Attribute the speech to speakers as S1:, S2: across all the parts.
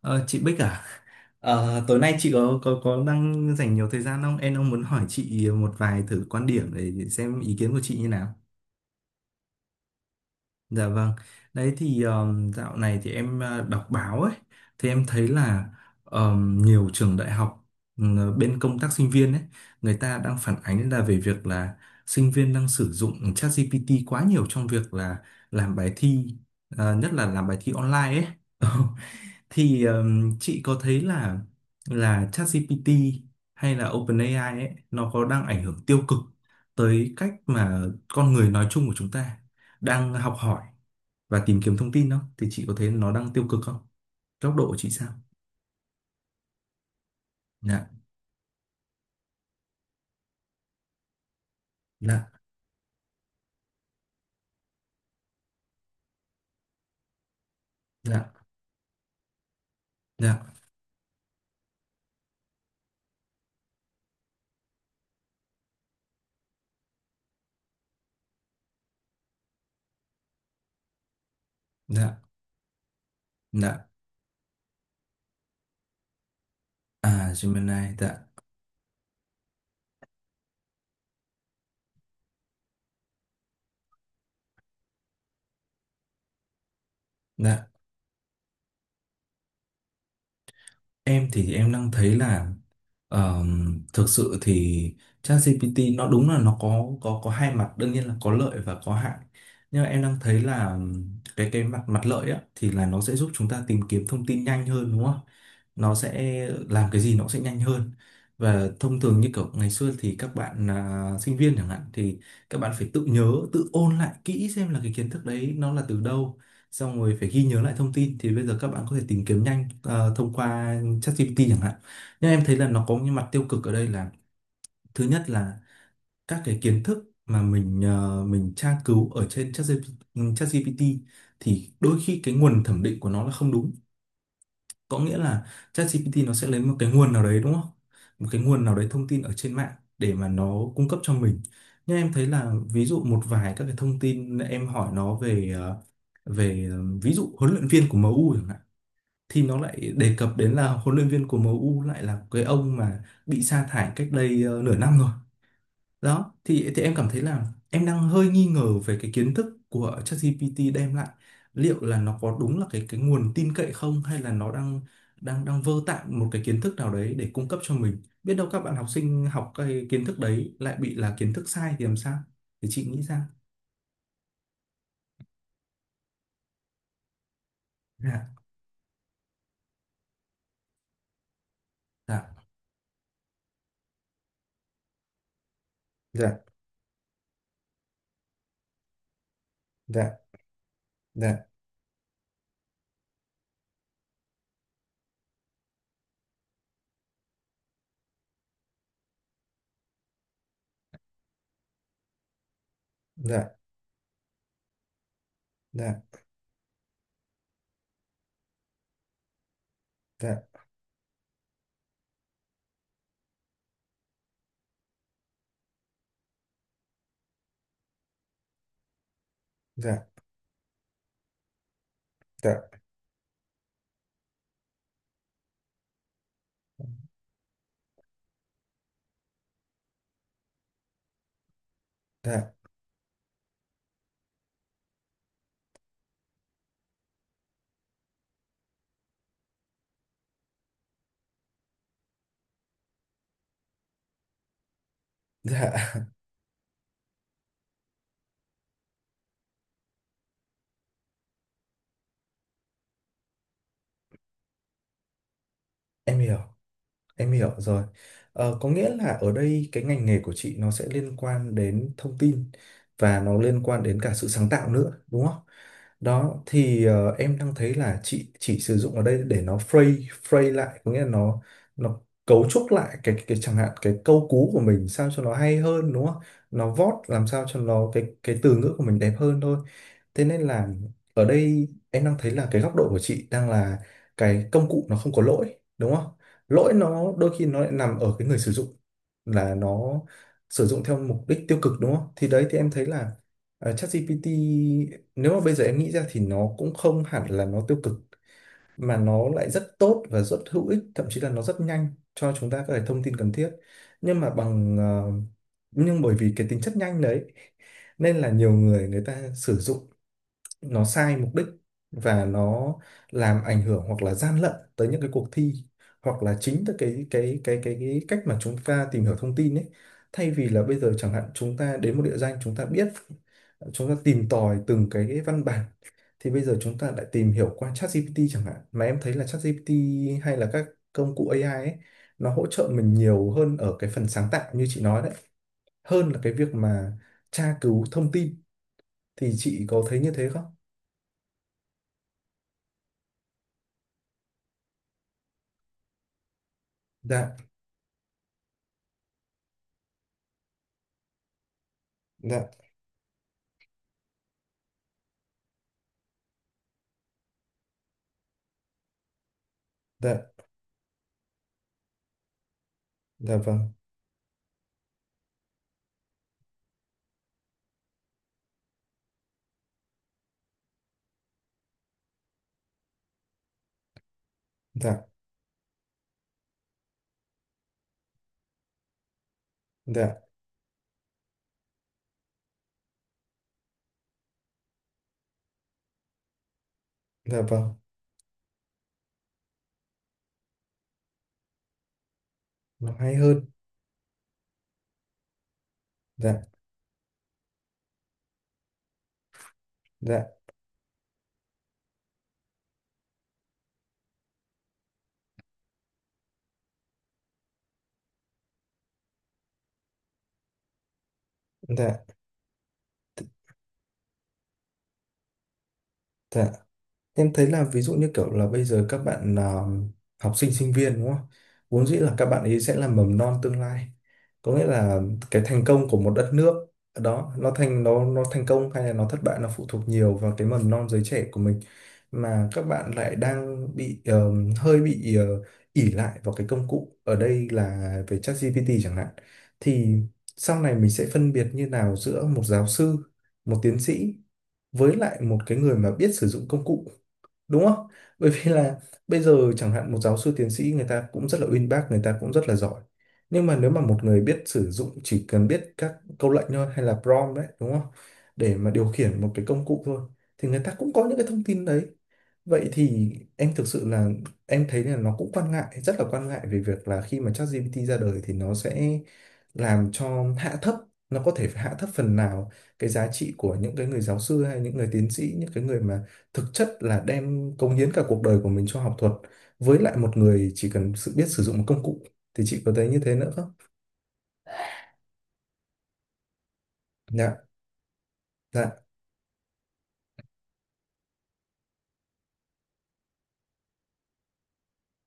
S1: Ờ, chị Bích à? Tối nay chị có đang dành nhiều thời gian không? Em đang muốn hỏi chị một vài thử quan điểm để xem ý kiến của chị như nào. Dạ vâng. Đấy thì dạo này thì em đọc báo ấy, thì em thấy là nhiều trường đại học bên công tác sinh viên ấy, người ta đang phản ánh là về việc là sinh viên đang sử dụng ChatGPT quá nhiều trong việc là làm bài thi, nhất là làm bài thi online ấy. Thì chị có thấy là ChatGPT hay là OpenAI ấy nó có đang ảnh hưởng tiêu cực tới cách mà con người nói chung của chúng ta đang học hỏi và tìm kiếm thông tin không? Thì chị có thấy nó đang tiêu cực không? Góc độ của chị sao? Dạ, dạ, dạ, dạ, dạ, dạ. À, Gemini, dạ, dạ. Em thì em đang thấy là thực sự thì ChatGPT nó đúng là nó có hai mặt đương nhiên là có lợi và có hại nhưng mà em đang thấy là cái mặt mặt lợi á thì là nó sẽ giúp chúng ta tìm kiếm thông tin nhanh hơn đúng không? Nó sẽ làm cái gì nó sẽ nhanh hơn và thông thường như kiểu ngày xưa thì các bạn sinh viên chẳng hạn thì các bạn phải tự nhớ tự ôn lại kỹ xem là cái kiến thức đấy nó là từ đâu xong rồi phải ghi nhớ lại thông tin thì bây giờ các bạn có thể tìm kiếm nhanh thông qua ChatGPT chẳng hạn nhưng em thấy là nó có những mặt tiêu cực ở đây là thứ nhất là các cái kiến thức mà mình mình tra cứu ở trên ChatGPT ChatGPT thì đôi khi cái nguồn thẩm định của nó là không đúng có nghĩa là ChatGPT nó sẽ lấy một cái nguồn nào đấy đúng không một cái nguồn nào đấy thông tin ở trên mạng để mà nó cung cấp cho mình nhưng em thấy là ví dụ một vài các cái thông tin em hỏi nó về về ví dụ huấn luyện viên của MU chẳng hạn thì nó lại đề cập đến là huấn luyện viên của em U lại là cái ông mà bị sa thải cách đây nửa năm rồi. Đó, thì em cảm thấy là em đang hơi nghi ngờ về cái kiến thức của ChatGPT đem lại. Liệu là nó có đúng là cái nguồn tin cậy không hay là nó đang đang đang vơ tạm một cái kiến thức nào đấy để cung cấp cho mình. Biết đâu các bạn học sinh học cái kiến thức đấy lại bị là kiến thức sai thì làm sao? Thì chị nghĩ sao. Dạ, dạ, dạ, dạ, dạ, dạ, dạ, dạ, dạ, dạ, dạ. Em hiểu, em hiểu rồi. Ờ, có nghĩa là ở đây cái ngành nghề của chị nó sẽ liên quan đến thông tin và nó liên quan đến cả sự sáng tạo nữa, đúng không? Đó thì em đang thấy là chị chỉ sử dụng ở đây để nó phrase phrase lại, có nghĩa là nó cấu trúc lại cái chẳng hạn cái câu cú của mình sao cho nó hay hơn đúng không? Nó vót làm sao cho nó cái từ ngữ của mình đẹp hơn thôi. Thế nên là ở đây em đang thấy là cái góc độ của chị đang là cái công cụ nó không có lỗi, đúng không? Lỗi nó đôi khi nó lại nằm ở cái người sử dụng là nó sử dụng theo mục đích tiêu cực đúng không? Thì đấy thì em thấy là ChatGPT nếu mà bây giờ em nghĩ ra thì nó cũng không hẳn là nó tiêu cực mà nó lại rất tốt và rất hữu ích, thậm chí là nó rất nhanh cho chúng ta các cái thông tin cần thiết. Nhưng mà bằng ờ, nhưng bởi vì cái tính chất nhanh đấy nên là nhiều người người ta sử dụng nó sai mục đích và nó làm ảnh hưởng hoặc là gian lận tới những cái cuộc thi hoặc là chính tới cái cách mà chúng ta tìm hiểu thông tin ấy thay vì là bây giờ chẳng hạn chúng ta đến một địa danh chúng ta biết chúng ta tìm tòi từng cái văn bản thì bây giờ chúng ta lại tìm hiểu qua ChatGPT chẳng hạn mà em thấy là ChatGPT hay là các công cụ AI ấy nó hỗ trợ mình nhiều hơn ở cái phần sáng tạo như chị nói đấy hơn là cái việc mà tra cứu thông tin thì chị có thấy như thế không? Dạ, dạ, dạ, dạ vâng, dạ, dạ, dạ vâng, nó hay hơn, dạ, dạ, dạ, dạ. Em thấy là ví dụ như kiểu là bây giờ các bạn học sinh sinh viên đúng không? Vốn dĩ là các bạn ấy sẽ là mầm non tương lai. Có nghĩa là cái thành công của một đất nước đó nó thành công hay là nó thất bại nó phụ thuộc nhiều vào cái mầm non giới trẻ của mình mà các bạn lại đang bị hơi bị ỷ lại vào cái công cụ ở đây là về ChatGPT chẳng hạn thì sau này mình sẽ phân biệt như nào giữa một giáo sư, một tiến sĩ với lại một cái người mà biết sử dụng công cụ đúng không bởi vì là bây giờ chẳng hạn một giáo sư tiến sĩ người ta cũng rất là uyên bác người ta cũng rất là giỏi nhưng mà nếu mà một người biết sử dụng chỉ cần biết các câu lệnh thôi hay là prompt đấy đúng không để mà điều khiển một cái công cụ thôi thì người ta cũng có những cái thông tin đấy. Vậy thì em thực sự là em thấy là nó cũng quan ngại, rất là quan ngại về việc là khi mà ChatGPT ra đời thì nó sẽ làm cho hạ thấp, nó có thể hạ thấp phần nào cái giá trị của những cái người giáo sư hay những người tiến sĩ, những cái người mà thực chất là đem cống hiến cả cuộc đời của mình cho học thuật với lại một người chỉ cần sự biết sử dụng một công cụ thì chị có thấy như thế nữa không? Dạ, dạ,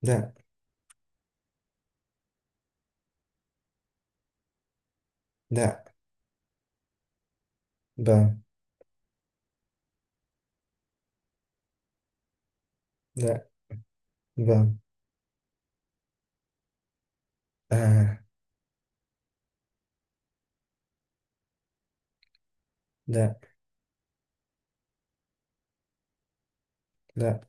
S1: dạ, dạ, vâng, dạ, vâng, à, dạ, dạ,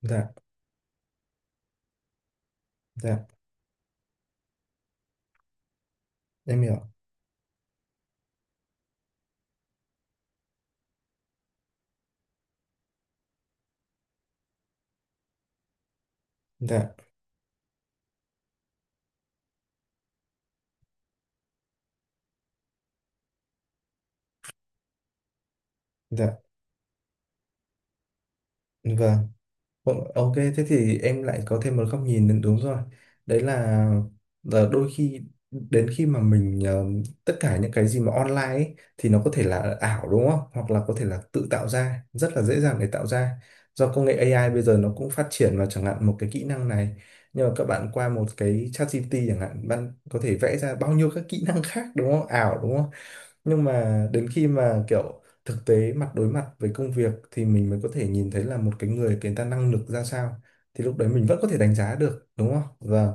S1: dạ, dạ, em hiểu, dạ. Dạ. Vâng, vâng, ok, thế thì em lại có thêm một góc nhìn nữa, đúng rồi. Đấy là đôi khi đến khi mà mình tất cả những cái gì mà online ấy, thì nó có thể là ảo đúng không? Hoặc là có thể là tự tạo ra, rất là dễ dàng để tạo ra. Do công nghệ AI bây giờ nó cũng phát triển vào chẳng hạn một cái kỹ năng này. Nhưng mà các bạn qua một cái ChatGPT chẳng hạn, bạn có thể vẽ ra bao nhiêu các kỹ năng khác đúng không? Ảo đúng không? Nhưng mà đến khi mà kiểu thực tế mặt đối mặt với công việc thì mình mới có thể nhìn thấy là một cái người người ta năng lực ra sao thì lúc đấy mình vẫn có thể đánh giá được đúng không và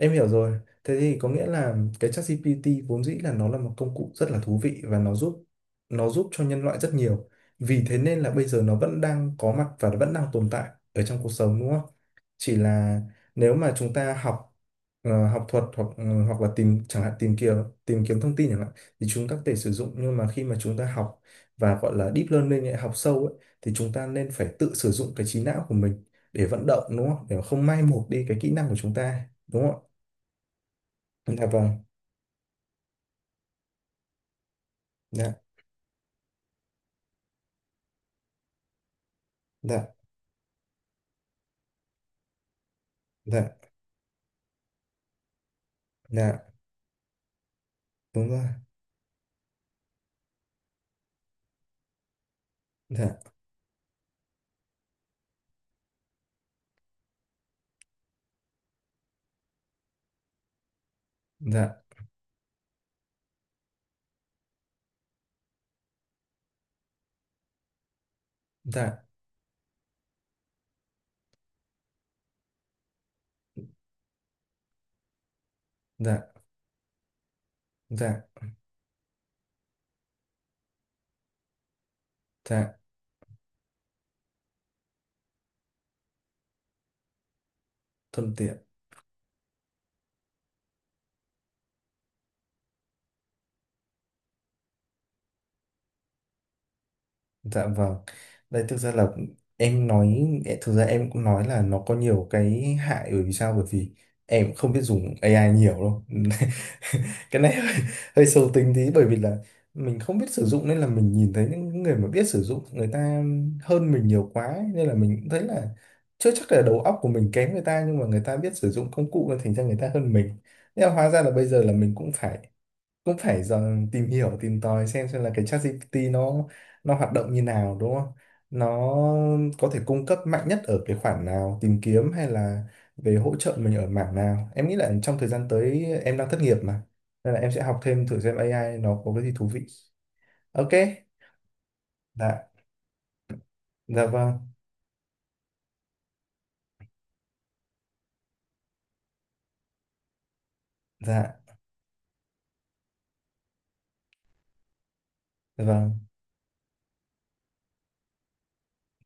S1: Em hiểu rồi. Thế thì có nghĩa là cái ChatGPT vốn dĩ là nó là một công cụ rất là thú vị và nó giúp cho nhân loại rất nhiều. Vì thế nên là bây giờ nó vẫn đang có mặt và nó vẫn đang tồn tại ở trong cuộc sống đúng không? Chỉ là nếu mà chúng ta học học thuật hoặc hoặc là tìm chẳng hạn tìm kiếm thông tin chẳng hạn thì chúng ta có thể sử dụng nhưng mà khi mà chúng ta học và gọi là deep learning ấy, học sâu ấy, thì chúng ta nên phải tự sử dụng cái trí não của mình để vận động đúng không? Để mà không mai một đi cái kỹ năng của chúng ta đúng không ạ? Dạ vâng, dạ, dạ, dạ, dạ, đúng rồi, dạ, dạ, dạ, dạ, dạ, dạ, thuận tiện, dạ vâng. Đây thực ra là em nói, thực ra em cũng nói là nó có nhiều cái hại bởi vì sao? Bởi vì em không biết dùng AI nhiều đâu. Cái này hơi sâu tính tí bởi vì là mình không biết sử dụng nên là mình nhìn thấy những người mà biết sử dụng người ta hơn mình nhiều quá ấy. Nên là mình cũng thấy là chưa chắc là đầu óc của mình kém người ta nhưng mà người ta biết sử dụng công cụ nên thành ra người ta hơn mình. Nhưng mà hóa ra là bây giờ là mình cũng phải dần tìm hiểu tìm tòi xem là cái ChatGPT nó hoạt động như nào đúng không? Nó có thể cung cấp mạnh nhất ở cái khoản nào tìm kiếm hay là về hỗ trợ mình ở mảng nào? Em nghĩ là trong thời gian tới em đang thất nghiệp mà nên là em sẽ học thêm thử xem AI nó có cái gì thú vị. Ok, dạ, dạ vâng, dạ, dạ vâng,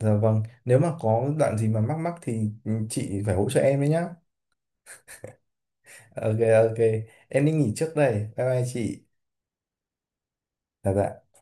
S1: dạ vâng. Nếu mà có đoạn gì mà mắc mắc thì chị phải hỗ trợ em đấy nhá. Ok, ok, em đi nghỉ trước đây. Bye bye chị. Dạ dạ.